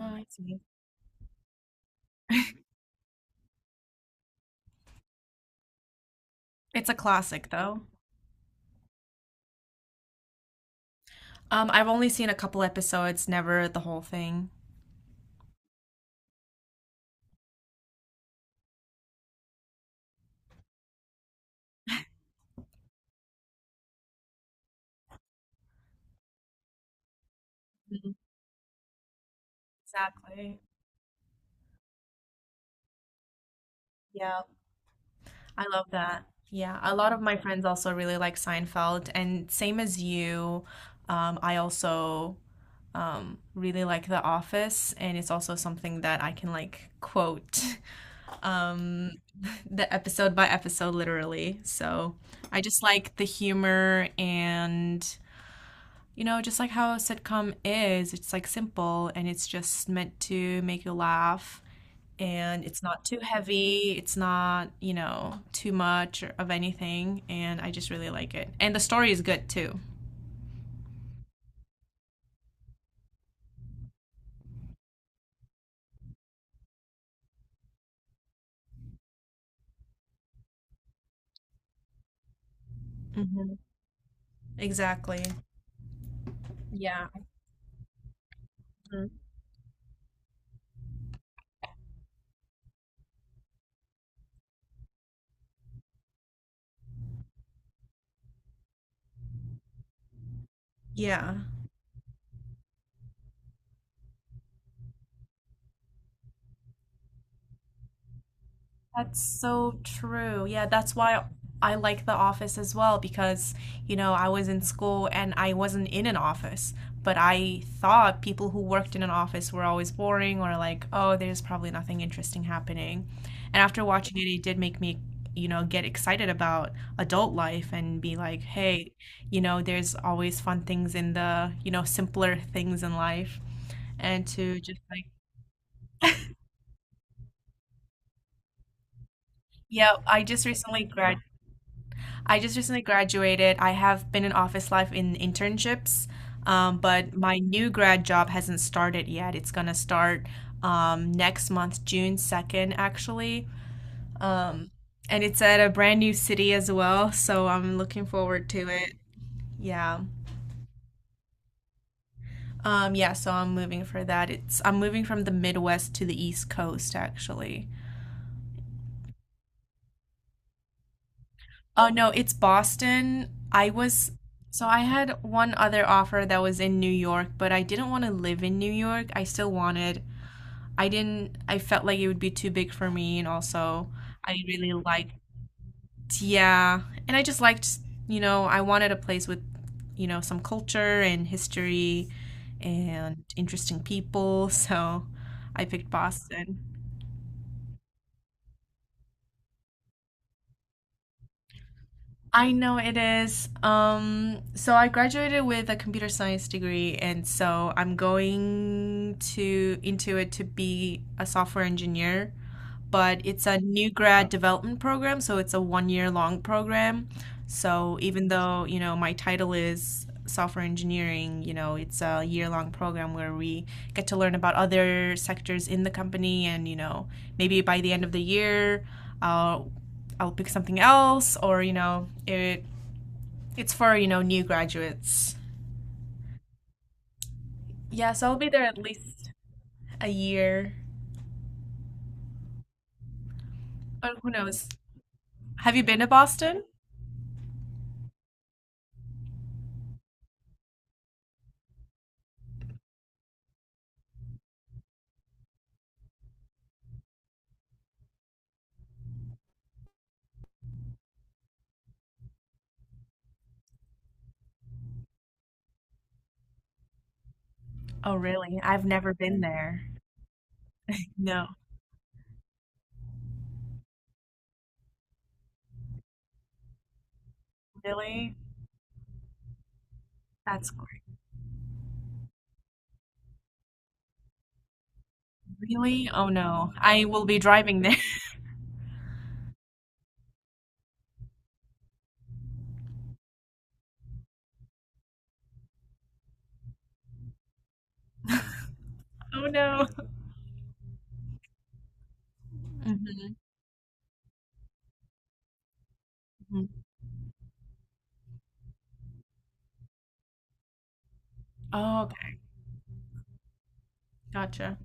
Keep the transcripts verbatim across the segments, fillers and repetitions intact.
Oh, I see. It's a classic though. Um, I've only seen a couple episodes, never the whole thing. Mhm. Exactly. Yeah, I love that. Yeah, a lot of my friends also really like Seinfeld, and same as you, um, I also um, really like The Office, and it's also something that I can like quote um, the episode by episode literally. So I just like the humor and You know, just like how a sitcom is, it's like simple and it's just meant to make you laugh, and it's not too heavy, it's not you know, too much of anything, and I just really like it. And the story is good too. Hmm. Exactly. Yeah. Mhm. Yeah. That's so true. Yeah, that's why I like the office as well because you know, I was in school and I wasn't in an office, but I thought people who worked in an office were always boring, or like, oh, there's probably nothing interesting happening. And after watching it, it did make me you know, get excited about adult life and be like, hey, you know, there's always fun things in the you know, simpler things in life. And to just like, yeah, I just recently graduated. I just recently graduated. I have been in office life in internships, um, but my new grad job hasn't started yet. It's gonna start um, next month, June second, actually. Um, and it's at a brand new city as well, so I'm looking forward to it. Yeah. Um, yeah, so I'm moving for that. It's I'm moving from the Midwest to the East Coast, actually. Oh no, it's Boston. I was So I had one other offer that was in New York, but I didn't want to live in New York. I still wanted. I didn't I felt like it would be too big for me, and also I really liked, yeah, and I just liked, you know, I wanted a place with you know, some culture and history and interesting people, so I picked Boston. I know it is. Um, so I graduated with a computer science degree, and so I'm going to into it to be a software engineer, but it's a new grad development program, so it's a one year long program. So even though, you know, my title is software engineering, you know, it's a year long program where we get to learn about other sectors in the company and, you know, maybe by the end of the year, I'll I'll pick something else, or you know, it it's for you know, new graduates. Yeah, so I'll be there at least a year. But who knows? Have you been to Boston? Oh, really? I've never been there. No. Really? That's great. Really? Oh no. I will be driving there. Oh no. Mhm, mhm. Oh, okay. Gotcha.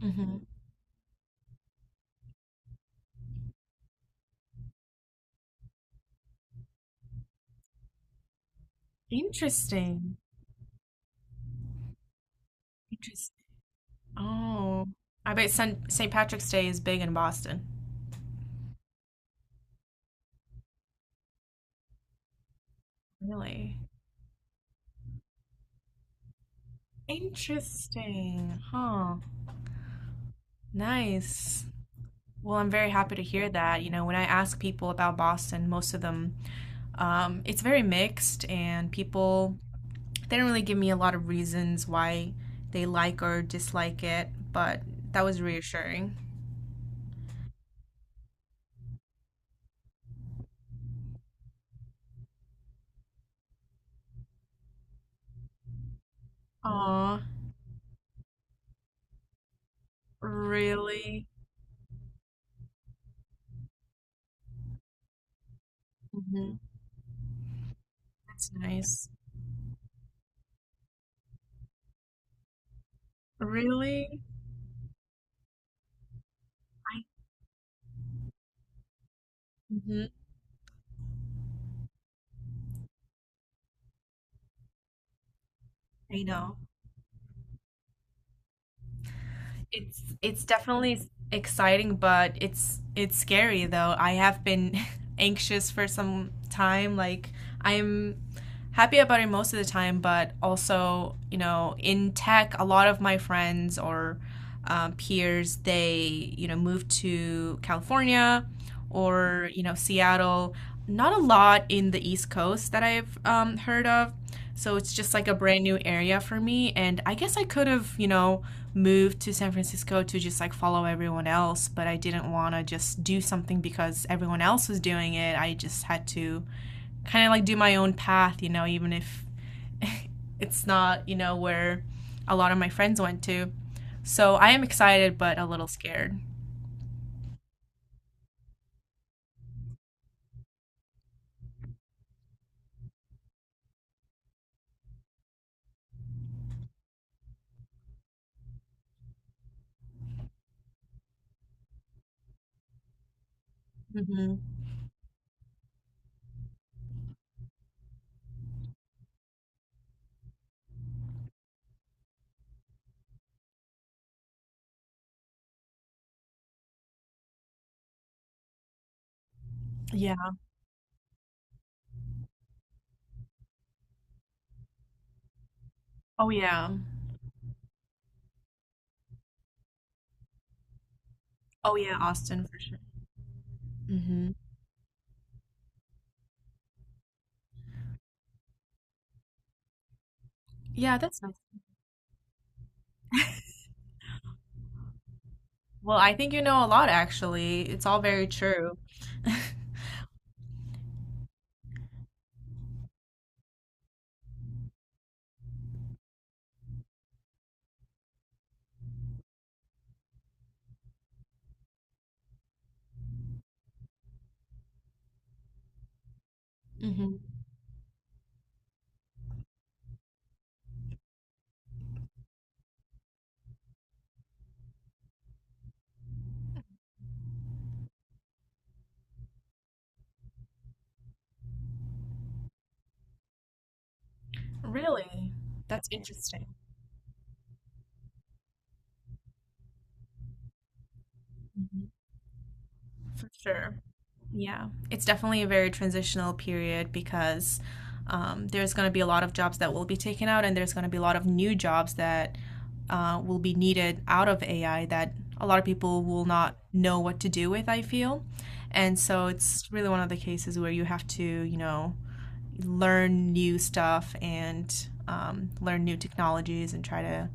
Hmm. Interesting. Interesting. Oh, I bet Saint Saint Patrick's Day is big in Boston. Really? Interesting. Huh. Nice. Well, I'm very happy to hear that. You know, when I ask people about Boston, most of them, um, it's very mixed, and people they didn't really give me a lot of reasons why they like or dislike it, but that was reassuring. Aw, really? Hmm. That's nice. Really? I hmm I know. It's it's definitely s- exciting, but it's it's scary though. I have been anxious for some time. Like, I'm happy about it most of the time, but also, you know, in tech, a lot of my friends or um, peers, they you know, moved to California, or you know, Seattle. Not a lot in the East Coast that I've um, heard of. So it's just like a brand new area for me. And I guess I could have you know, moved to San Francisco to just like follow everyone else, but I didn't want to just do something because everyone else was doing it. I just had to kind of like do my own path, you know, even if it's not you know, where a lot of my friends went to. So I am excited, but a little scared. Hmm. Yeah. Oh, yeah. Oh, yeah. Austin for sure. Hmm. Yeah, that's nice. Well, I think you know a lot, actually. It's all very true. Hmm. Really? That's interesting. Mhm. For sure. Yeah. It's definitely a very transitional period because um, there's going to be a lot of jobs that will be taken out, and there's going to be a lot of new jobs that uh, will be needed out of A I that a lot of people will not know what to do with, I feel. And so it's really one of the cases where you have to you know, learn new stuff and um, learn new technologies and try to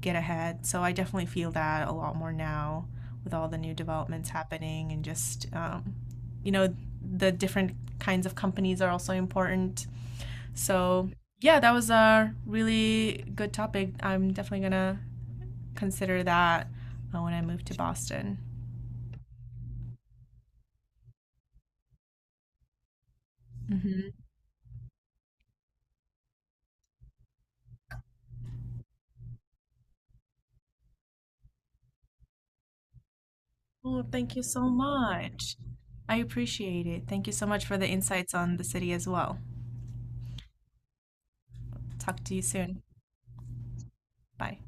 get ahead. So I definitely feel that a lot more now with all the new developments happening and just um, you know, the different kinds of companies are also important. So yeah, that was a really good topic. I'm definitely gonna consider that uh, when I move to Boston. Hmm. Well, thank you so much. I appreciate it. Thank you so much for the insights on the city as well. Talk to you soon. Bye.